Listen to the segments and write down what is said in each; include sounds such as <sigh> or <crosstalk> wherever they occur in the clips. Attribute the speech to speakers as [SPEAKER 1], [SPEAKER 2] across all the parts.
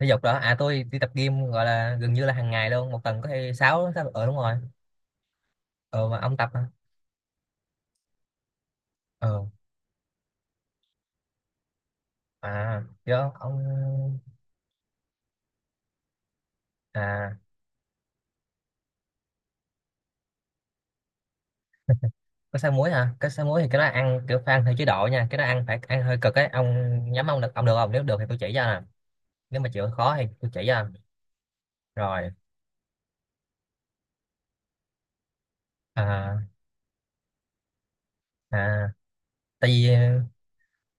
[SPEAKER 1] Thể dục đó à, tôi đi tập gym, gọi là gần như là hàng ngày luôn, một tuần có thể sáu, sáu, đúng rồi. Ờ mà ông tập hả? Ờ. À, do ông. À, có sáu muối hả? Cái sáu muối thì cái đó ăn kiểu phải ăn theo chế độ nha, cái đó ăn phải ăn hơi cực ấy ông. Nhắm ông được, ông được không? Nếu được thì tôi chỉ cho nè, nếu mà chịu khó thì tôi chỉ cho à. Rồi. À. À, tại vì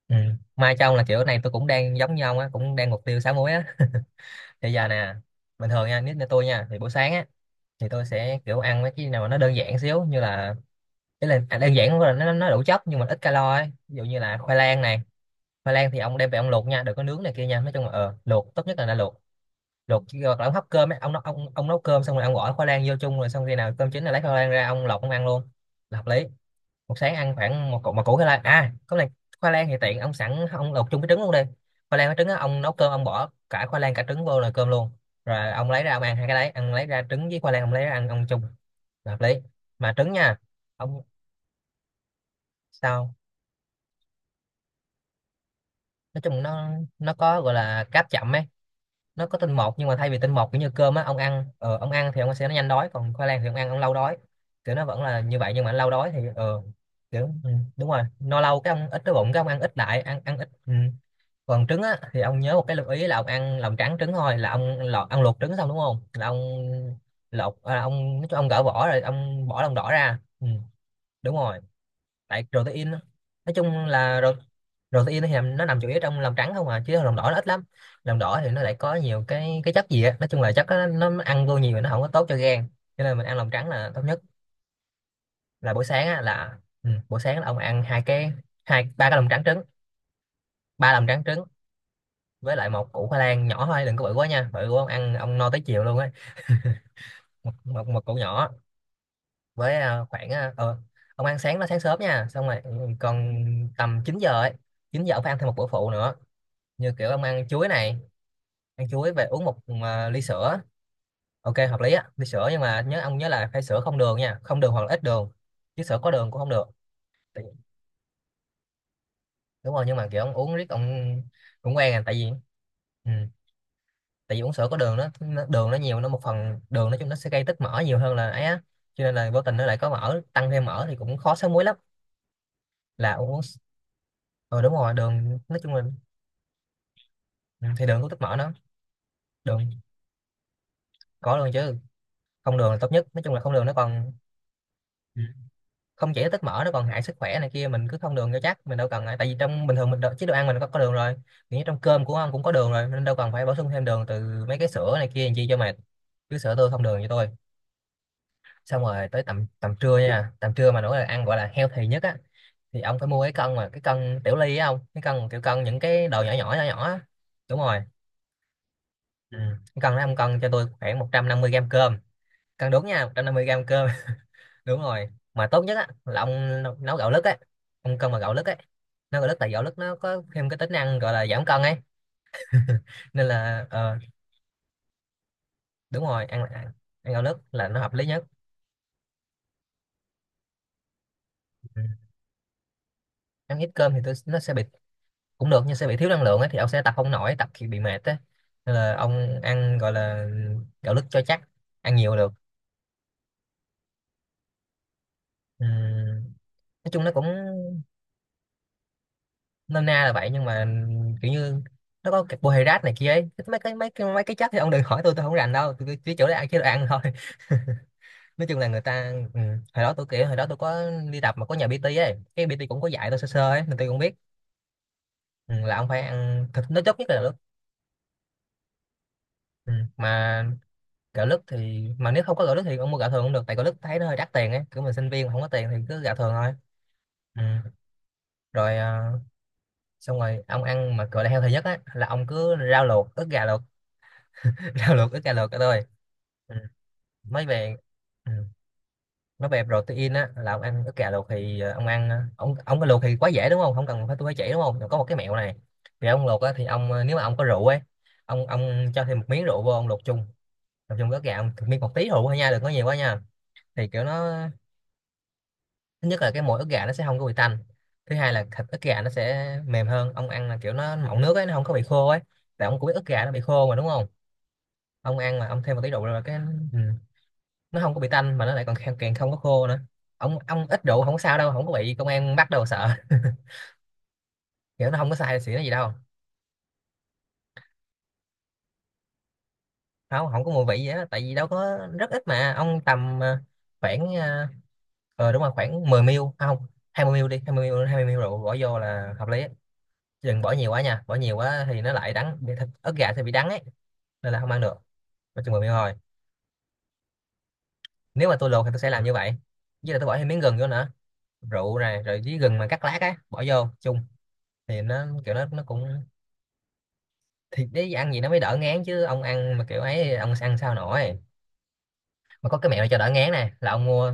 [SPEAKER 1] ừ, mai cho ông là kiểu này, tôi cũng đang giống như ông á, cũng đang mục tiêu sáu muối á. Thì giờ nè, bình thường nha, nếu như tôi nha thì buổi sáng á thì tôi sẽ kiểu ăn mấy cái nào mà nó đơn giản xíu, như là cái là à, đơn giản không phải là nó đủ chất nhưng mà ít calo ấy. Ví dụ như là khoai lang này, khoai lang thì ông đem về ông luộc nha, đừng có nướng này kia nha, nói chung là luộc tốt nhất, là đã luộc luộc chứ. Hoặc là ông hấp cơm ấy, ông nấu ông nấu cơm xong rồi ông gỏi khoai lang vô chung, rồi xong khi nào cơm chín là lấy khoai lang ra, ông lọc ông ăn luôn là hợp lý. Một sáng ăn khoảng một củ, một củ khoai lang à có này. Khoai lang thì tiện ông sẵn ông luộc chung với trứng luôn đi, khoai lang với trứng á, ông nấu cơm ông bỏ cả khoai lang cả trứng vô là cơm luôn, rồi ông lấy ra ông ăn hai cái đấy, ăn lấy ra trứng với khoai lang ông lấy ra ăn ông chung là hợp lý, mà trứng nha. Ông sao? Nói chung nó có gọi là cáp chậm ấy, nó có tinh bột nhưng mà thay vì tinh bột kiểu như cơm á, ông ăn ông ăn thì ông sẽ nó nhanh đói, còn khoai lang thì ông ăn ông lâu đói. Kiểu nó vẫn là như vậy nhưng mà anh lâu đói thì kiểu ừ, đúng rồi, no lâu cái ông ít cái bụng cái ông ăn ít lại, ăn ăn ít ừ. Còn trứng á thì ông nhớ một cái lưu ý là ông ăn lòng trắng trứng thôi, là ông lọt ăn luộc trứng xong đúng không, là ông lột à, ông nói chung ông gỡ vỏ rồi ông bỏ lòng đỏ ra ừ, đúng rồi, tại protein á. Nói chung là ro- Protein thì nó nằm chủ yếu trong lòng trắng không à, chứ lòng đỏ nó ít lắm. Lòng đỏ thì nó lại có nhiều cái chất gì á, nói chung là chất đó, nó ăn vô nhiều nó không có tốt cho gan, cho nên mình ăn lòng trắng là tốt nhất. Là buổi sáng á là ừ, buổi sáng là ông ăn hai cái, hai ba cái lòng trắng trứng, ba lòng trắng trứng. Với lại một củ khoai lang nhỏ thôi, đừng có bự quá nha, bự quá ông ăn ông no tới chiều luôn ấy, một củ nhỏ. Với ông ăn sáng nó sáng sớm nha, xong rồi ừ, còn tầm 9 giờ ấy, 9 giờ ông phải ăn thêm một bữa phụ nữa, như kiểu ông ăn chuối này, ăn chuối về uống một ly sữa, ok hợp lý á. Ly sữa nhưng mà nhớ ông nhớ là phải sữa không đường nha, không đường hoặc là ít đường, chứ sữa có đường cũng không được. Tại- Đúng rồi, nhưng mà kiểu ông uống riết ông cũng quen à, tại vì ừ. Tại vì uống sữa có đường nó đường nó nhiều, nó một phần đường, nói chung nó sẽ gây tích mỡ nhiều hơn là ấy á, cho nên là vô tình nó lại có mỡ, tăng thêm mỡ thì cũng khó sáng muối lắm. là uống s- Đúng rồi, đường nói chung là ừ, thì đường có tích mỡ nó, đường có đường chứ, không đường là tốt nhất, nói chung là không đường nó còn. Ừ. Không chỉ là tích mỡ, nó còn hại sức khỏe này kia, mình cứ không đường cho chắc, mình đâu cần ngại. Tại vì trong bình thường chế độ ăn mình có đường rồi, kiểu như trong cơm của ông cũng có đường rồi, nên đâu cần phải bổ sung thêm đường từ mấy cái sữa này kia làm chi cho mệt, cứ sữa tươi không đường cho tôi. Xong rồi tới tầm tầm trưa nha, tầm trưa mà nổi là ăn gọi là healthy nhất á, thì ông phải mua cái cân, mà cái cân tiểu ly á, ông cái cân kiểu cân những cái đồ nhỏ nhỏ nhỏ nhỏ á. Đúng rồi ừ. Cái cân đó ông cân cho tôi khoảng 150 gram cơm, cân đúng nha, 150 gram cơm. <laughs> Đúng rồi, mà tốt nhất á là ông nấu nấu gạo lứt á, ông cân mà gạo lứt ấy, nấu gạo lứt tại gạo lứt nó có thêm cái tính năng gọi là giảm cân ấy. <laughs> Nên là đúng rồi, ăn ăn gạo lứt là nó hợp lý nhất. Ừ. Ăn ít cơm thì tôi nó sẽ bị, cũng được nhưng sẽ bị thiếu năng lượng ấy, thì ông sẽ tập không nổi, tập thì bị mệt á, nên là ông ăn gọi là gạo lứt cho chắc, ăn nhiều là được. Ừm, nói chung nó cũng nôm na là vậy, nhưng mà kiểu như nó có carbohydrate này kia ấy, mấy cái chất thì ông đừng hỏi tôi không rành đâu, tôi chỉ chỗ đấy ăn, chế độ ăn thôi. <laughs> Nói chung là người ta ừ, hồi đó tôi kiểu hồi đó tôi có đi tập mà có nhà PT ấy, cái PT cũng có dạy tôi sơ sơ ấy, nên tôi cũng biết ừ, là ông phải ăn thịt nó chốt nhất là được. Ừ, mà gạo lứt thì mà nếu không có gạo lứt thì ông mua gạo thường cũng được, tại gạo lứt thấy nó hơi đắt tiền ấy, kiểu mình sinh viên mà không có tiền thì cứ gạo thường thôi. Ừ. Rồi à, xong rồi ông ăn mà gọi là healthy nhất á là ông cứ rau luộc ức gà luộc. <laughs> Rau luộc ức gà luộc thôi. Ừ. Mới về. Ừ. Nói về protein á là ông ăn ức gà luộc thì ông ăn ông cái luộc thì quá dễ đúng không, không cần phải tôi phải chỉ đúng không. Rồi có một cái mẹo này, thì ông luộc á thì nếu mà ông có rượu ấy, ông cho thêm một miếng rượu vô ông luộc chung, luộc chung với ức gà, ông miếng một tí rượu thôi nha, đừng có nhiều quá nha, thì kiểu nó, thứ nhất là cái mỗi ức gà nó sẽ không có bị tanh, thứ hai là thịt ức gà nó sẽ mềm hơn, ông ăn là kiểu nó mọng nước ấy, nó không có bị khô ấy, tại ông cũng biết ức gà nó bị khô mà đúng không. Ông ăn mà ông thêm một tí rượu rồi cái ừ, nó không có bị tanh mà nó lại còn càng không có khô nữa. Ông ít rượu không có sao đâu, không có bị công an bắt đâu sợ. <laughs> Kiểu nó không có sai xỉn gì đâu, không không có mùi vị gì hết, tại vì đâu có rất ít, mà ông tầm khoảng ờ đúng rồi, khoảng 10 ml, à, không, 20 ml đi, 20 ml, 20 ml rượu bỏ vô là hợp lý, đừng bỏ nhiều quá nha, bỏ nhiều quá thì nó lại ớt gà thì bị đắng ấy, nên là không ăn được, mà chừng 10 miếng thôi. Nếu mà tôi luộc thì tôi sẽ làm như vậy, với lại tôi bỏ thêm miếng gừng vô nữa, rượu này rồi với gừng mà cắt lát á bỏ vô chung, thì nó kiểu nó cũng. Thì để ăn gì nó mới đỡ ngán, chứ ông ăn mà kiểu ấy ông ăn sao nổi. Mà có cái mẹo cho đỡ ngán này là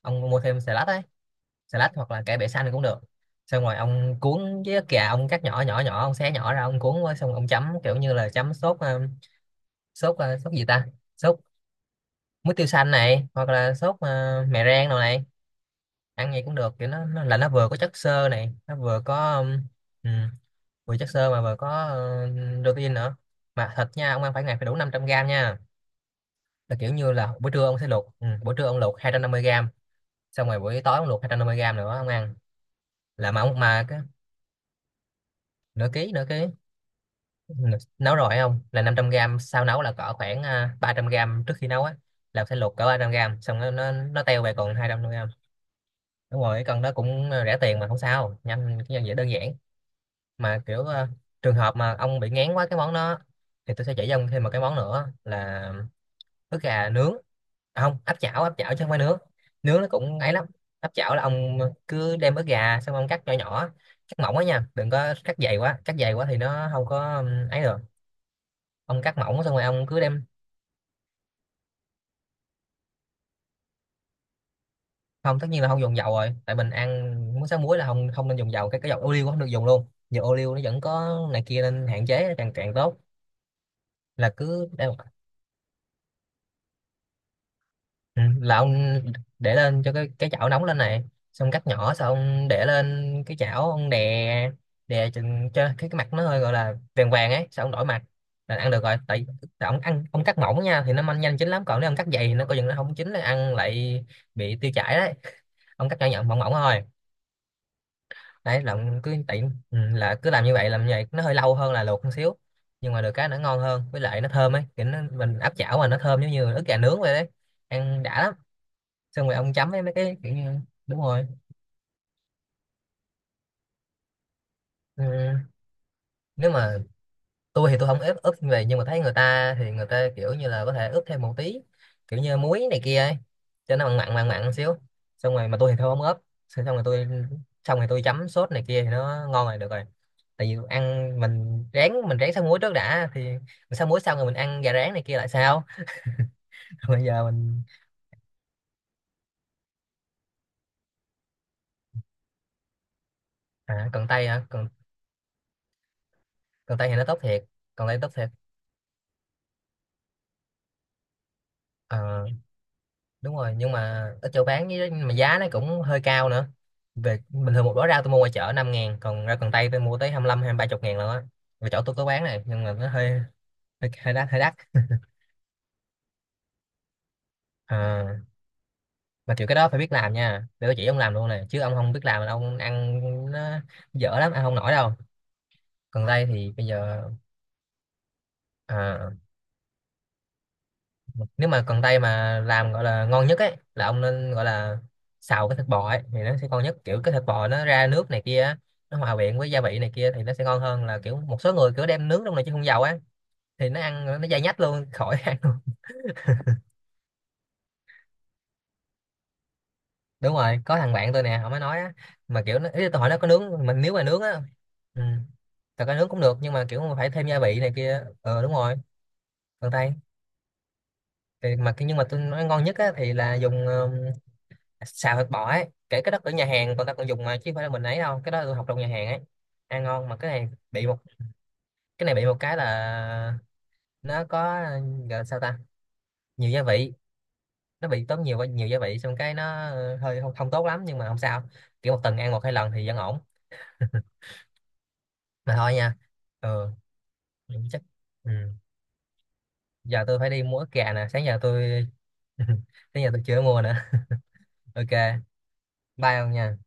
[SPEAKER 1] ông mua thêm xà lách ấy, xà lách hoặc là cải bẹ xanh cũng được, xong rồi ông cuốn với ớt gà, ông cắt nhỏ nhỏ nhỏ ông xé nhỏ ra, ông cuốn với xong ông chấm kiểu như là chấm sốt sốt sốt gì ta, sốt. Muối tiêu xanh này, hoặc là sốt mè rang đồ này. Ăn gì cũng được, kiểu nó là nó vừa có chất xơ này, nó vừa có ừm, vừa chất xơ mà vừa có protein nữa. Mà thịt nha, ông ăn phải ngày phải đủ 500 gram nha. Là kiểu như là buổi trưa ông sẽ luộc, buổi trưa ông luộc 250 gram, xong rồi buổi tối ông luộc 250 gram nữa ông ăn. Là mà ông mà nửa ký, nửa ký nấu rồi. Không là 500 gram sau nấu là cỡ khoảng 300 gram trước khi nấu á, là sẽ luộc cỡ 300 gram xong nó teo về còn 200 gram. Đúng rồi, cái con đó cũng rẻ tiền mà không sao, nhanh, cái dễ, đơn giản. Mà kiểu trường hợp mà ông bị ngán quá cái món đó thì tôi sẽ chỉ cho ông thêm một cái món nữa là ức gà nướng. Không áp chảo, áp chảo chứ không phải nướng. Nướng nó cũng ấy lắm. Áp chảo là ông cứ đem ức gà xong ông cắt nhỏ nhỏ, cắt mỏng quá nha, đừng có cắt dày quá, cắt dày quá thì nó không có ấy được. Ông cắt mỏng xong rồi ông cứ đem. Không, tất nhiên là không dùng dầu rồi, tại mình ăn muối, xá muối là không, không nên dùng dầu. Cái dầu ô liu cũng không được dùng luôn, dầu ô liu nó vẫn có này kia, nên hạn chế càng càng tốt. Là cứ ừ, là ông để lên cho cái chảo nóng lên này, xong cắt nhỏ xong ông để lên cái chảo, ông đè, đè chừng cho cái mặt nó hơi gọi là vàng vàng ấy, xong ông đổi mặt là ăn được rồi. Tại, tại ông ăn, ông cắt mỏng nha thì nó nhanh, nhanh chín lắm, còn nếu ông cắt dày thì nó coi chừng nó không chín, nó ăn lại bị tiêu chảy đấy. Ông cắt nhỏ nhỏ mỏng mỏng thôi. Đấy là ông cứ tiện là cứ làm như vậy, làm như vậy nó hơi lâu hơn là luộc một xíu, nhưng mà được cái nó ngon hơn, với lại nó thơm ấy, kiểu nó mình áp chảo mà nó thơm giống như ức gà nướng vậy đấy, ăn đã lắm. Xong rồi ông chấm với mấy cái kiểu như. Đúng rồi. Ừ. Nếu mà tôi thì tôi không ép ướp như vậy, nhưng mà thấy người ta thì người ta kiểu như là có thể ướp thêm một tí, kiểu như muối này kia ấy, cho nó mặn mặn mặn mặn xíu. Xong rồi mà tôi thì thôi không ướp. xong rồi tôi Xong rồi tôi chấm sốt này kia thì nó ngon rồi, được rồi. Tại vì ăn mình rán xá muối trước đã thì mình xá muối xong rồi mình ăn gà rán này kia lại sao. <laughs> Còn bây giờ mình. Cần tây hả, cần cần tây thì nó tốt thiệt, cần đây tốt thiệt. Ờ, đúng rồi, nhưng mà ở chỗ bán với mà giá nó cũng hơi cao nữa. Về bình thường một bó rau tôi mua ngoài chợ 5 ngàn, còn rau cần tây tôi mua tới hai mươi lăm, hai ba chục ngàn luôn á. Và chỗ tôi có bán này, nhưng mà nó hơi hơi đắt, hơi đắt. à, mà kiểu cái đó phải biết làm nha, để tôi chỉ ông làm luôn này, chứ ông không biết làm là ông ăn nó dở lắm, ăn không nổi đâu. Cần tây thì bây giờ, à, nếu mà cần tây mà làm gọi là ngon nhất ấy là ông nên gọi là xào cái thịt bò ấy, thì nó sẽ ngon nhất, kiểu cái thịt bò nó ra nước này kia á, nó hòa quyện với gia vị này kia thì nó sẽ ngon hơn là kiểu một số người kiểu đem nướng trong này chứ không dầu á, thì nó ăn nó dai nhách luôn, khỏi <laughs> ăn luôn. Đúng rồi, có thằng bạn tôi nè họ mới nói á, mà kiểu nó ý là tôi hỏi nó có nướng mình nếu mà nướng á. ừ, thật ra nướng cũng được, nhưng mà kiểu mà phải thêm gia vị này kia, ờ đúng rồi. Cần tây thì mà, nhưng mà tôi nói ngon nhất á thì là dùng xào thịt bò ấy, kể cái đó ở nhà hàng còn ta còn dùng mà, chứ không phải là mình ấy đâu, cái đó tôi học trong nhà hàng ấy, ăn ngon. Mà cái này bị một, cái này bị một cái là nó có gọi là sao ta, nhiều gia vị, nó bị tốn nhiều nhiều gia vị xong cái nó hơi không tốt lắm, nhưng mà không sao, kiểu một tuần ăn một hai lần thì vẫn ổn. Mà thôi nha. Ừ, chắc. Ừ. Giờ tôi phải đi mua ức gà nè, sáng giờ tôi <laughs> sáng giờ tôi chưa mua nữa. OK, bye ông nha.